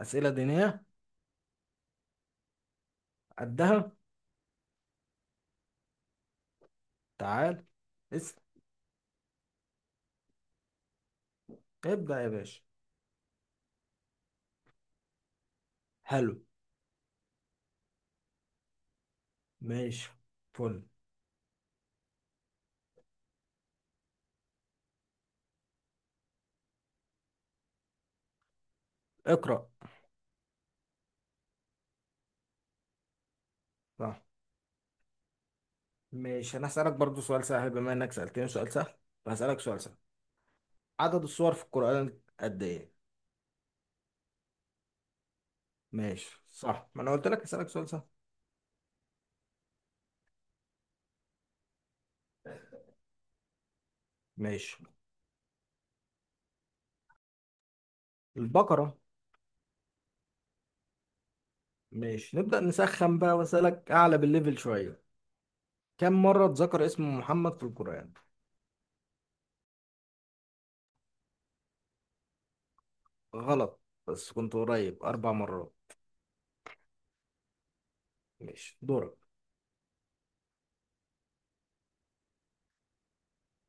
أسئلة دينية. قدها. تعال. اسم. ابدأ يا باشا. حلو. ماشي. فل. اقرأ. صح. ماشي، أنا هسألك برضو سؤال سهل بما إنك سألتني سؤال سهل، فهسألك سؤال سهل. عدد السور في القرآن قد إيه؟ ماشي صح، ما أنا قلت لك هسألك سؤال سهل. ماشي. البقرة. ماشي، نبدأ نسخن بقى وأسألك أعلى بالليفل شوية. كم مرة اتذكر اسم محمد في القرآن؟ غلط، بس كنت قريب 4 مرات. ماشي دورك.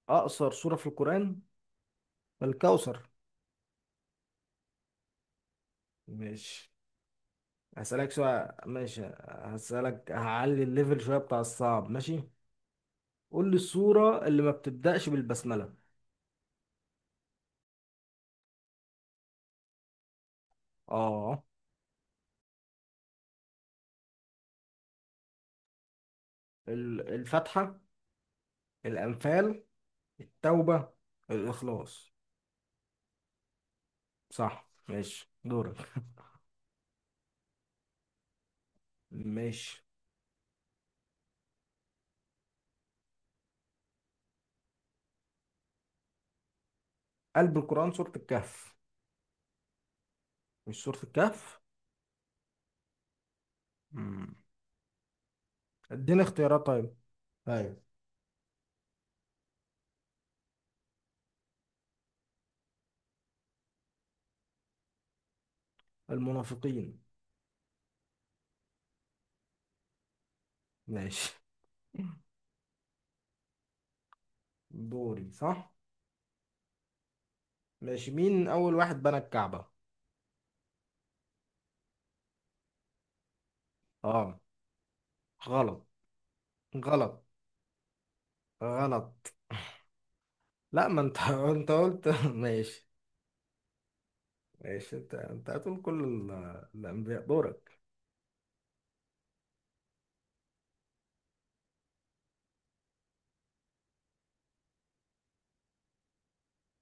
أقصر سورة في القرآن، الكوثر. ماشي، هسألك سؤال. ماشي هسألك، هعلي الليفل شوية بتاع الصعب. ماشي، قول لي السورة اللي ما بتبدأش بالبسملة. اه. الفاتحة، الأنفال، التوبة، الإخلاص. صح، ماشي دورك. ماشي. قلب القرآن؟ سورة الكهف. مش سورة الكهف. مم. اديني اختيارات طيب. ايوه. المنافقين. ماشي، دوري صح. ماشي، مين أول واحد بنى الكعبة؟ اه. غلط. غلط. غلط. لا ما انت انت قلت ماشي. ماشي، انت هتقول كل الانبياء. دورك.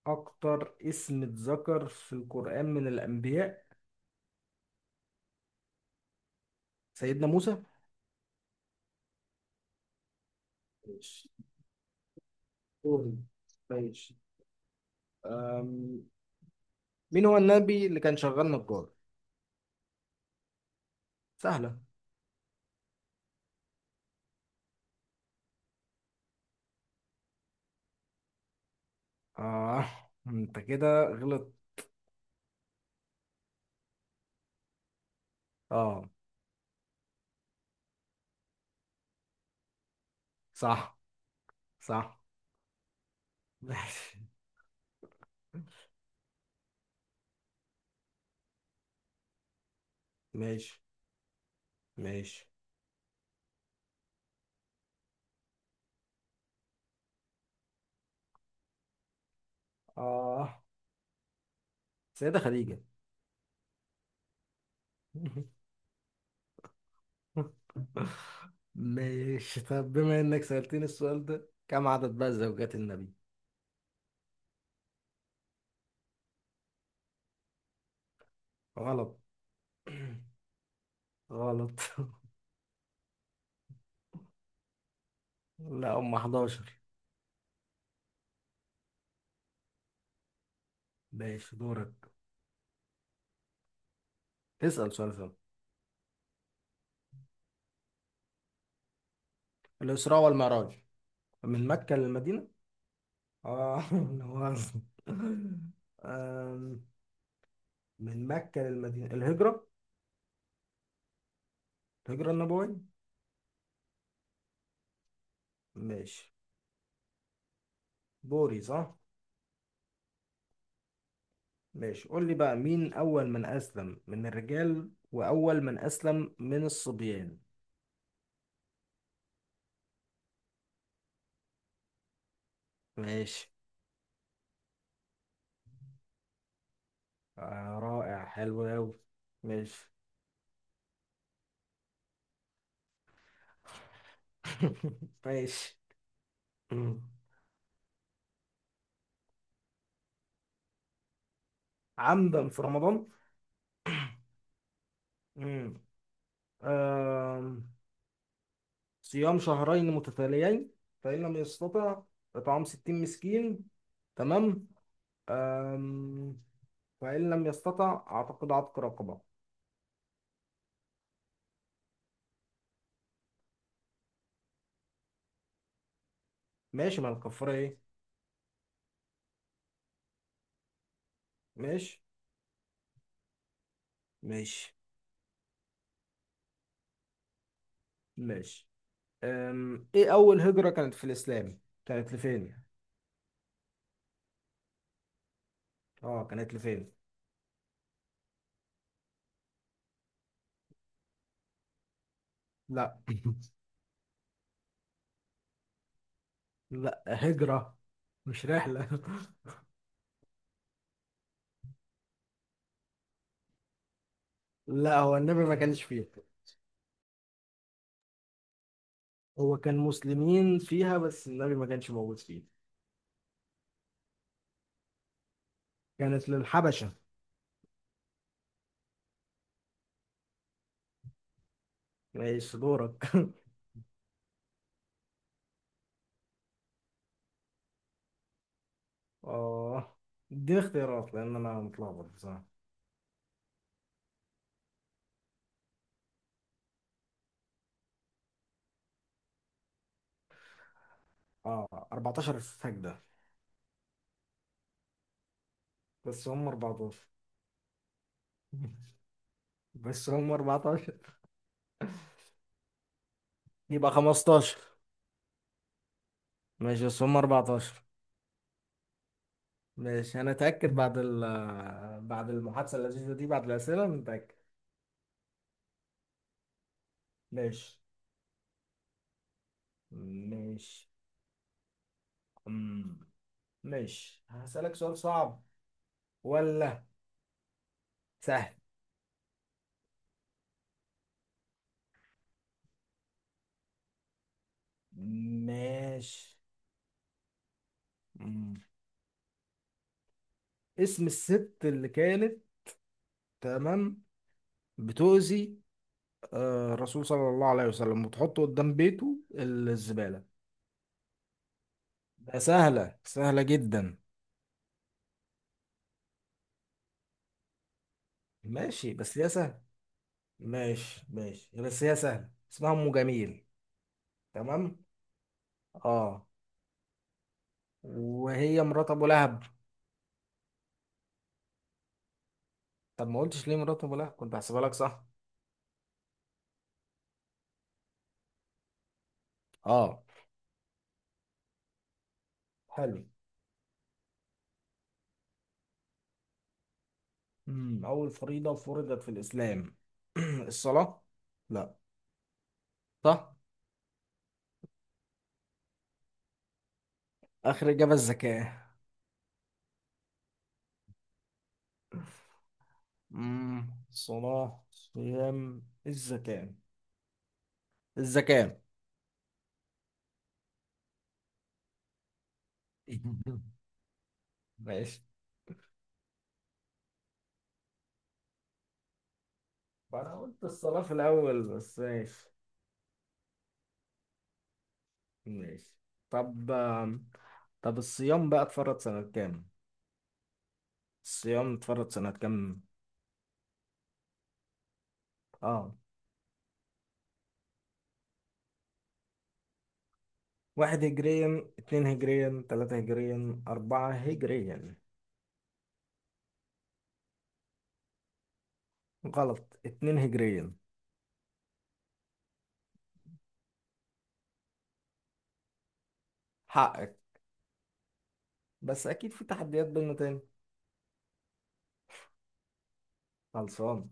اكتر اسم اتذكر في القرآن من الانبياء، سيدنا موسى. ماشي. دوري. ماشي أم... مين هو النبي اللي كان شغال نجار؟ سهلة. اه انت كده غلط. اه صح صح ماشي ماشي ماشي. اه سيدة خديجة. ماشي، طب بما انك سألتني السؤال ده، كم عدد بقى زوجات النبي؟ غلط. غلط. لا هم 11. ماشي دورك. اسأل سؤال. الإسراء والمعراج، من مكة للمدينة. اه لا مؤاخذة. أم، من مكة للمدينة الهجرة. الهجرة النبوية. ماشي. دوري صح. ماشي، قول لي بقى مين أول من أسلم من الرجال وأول من أسلم من الصبيان. ماشي. آه رائع، حلو أوي. ماشي ماشي. مم. عمدا في رمضان. مم. آم، صيام شهرين متتاليين، فإن لم يستطع إطعام 60 مسكين. تمام. آم، فإن لم يستطع أعتقد عتق رقبة. ماشي، ما الكفارة إيه. ماشي. ماشي. ماشي. إيه أول هجرة كانت في الإسلام؟ كانت لفين؟ آه كانت لفين؟ لا لا هجرة، مش رحلة لا هو النبي ما كانش فيها. هو كان مسلمين فيها بس النبي ما كانش موجود فيها. كانت للحبشة. ماشي دورك اه، اديني اختيارات لان انا متلخبط بصراحة. اه 14 سجدة. بس هم 14 بس هم 14. يبقى 15. ماشي بس هم 14. ماشي انا اتاكد بعد بعد المحادثة اللذيذة دي، بعد الأسئلة نتاكد. ماشي. ماشي. أمم. ماشي هسألك سؤال صعب ولا سهل؟ ماشي. مم. اسم الست اللي كانت، تمام، بتؤذي الرسول صلى الله عليه وسلم وتحطه قدام بيته الزبالة؟ ده سهلة. سهلة جدا. ماشي بس هي سهلة. ماشي ماشي بس هي سهلة. اسمها أم جميل. تمام. اه، وهي مرات أبو لهب. طب ما قلتش ليه مرات أبو لهب، كنت هحسبها لك صح. اه، حلو. مم. أول فريضة فرضت في الإسلام، الصلاة. لا. صح. آخر إجابة الزكاة. صلاة، صيام، الزكاة. الزكاة ماشي، أنا قلت الصلاة في الأول بس. ماشي. ماشي. طب طب الصيام بقى اتفرض سنة كام؟ الصيام اتفرض سنة كام؟ اه. واحد هجريا، اتنين هجريا، تلاتة هجريا، أربعة هجريا. غلط، اتنين هجريا. حقك. بس أكيد في تحديات بينا تاني. خلصان.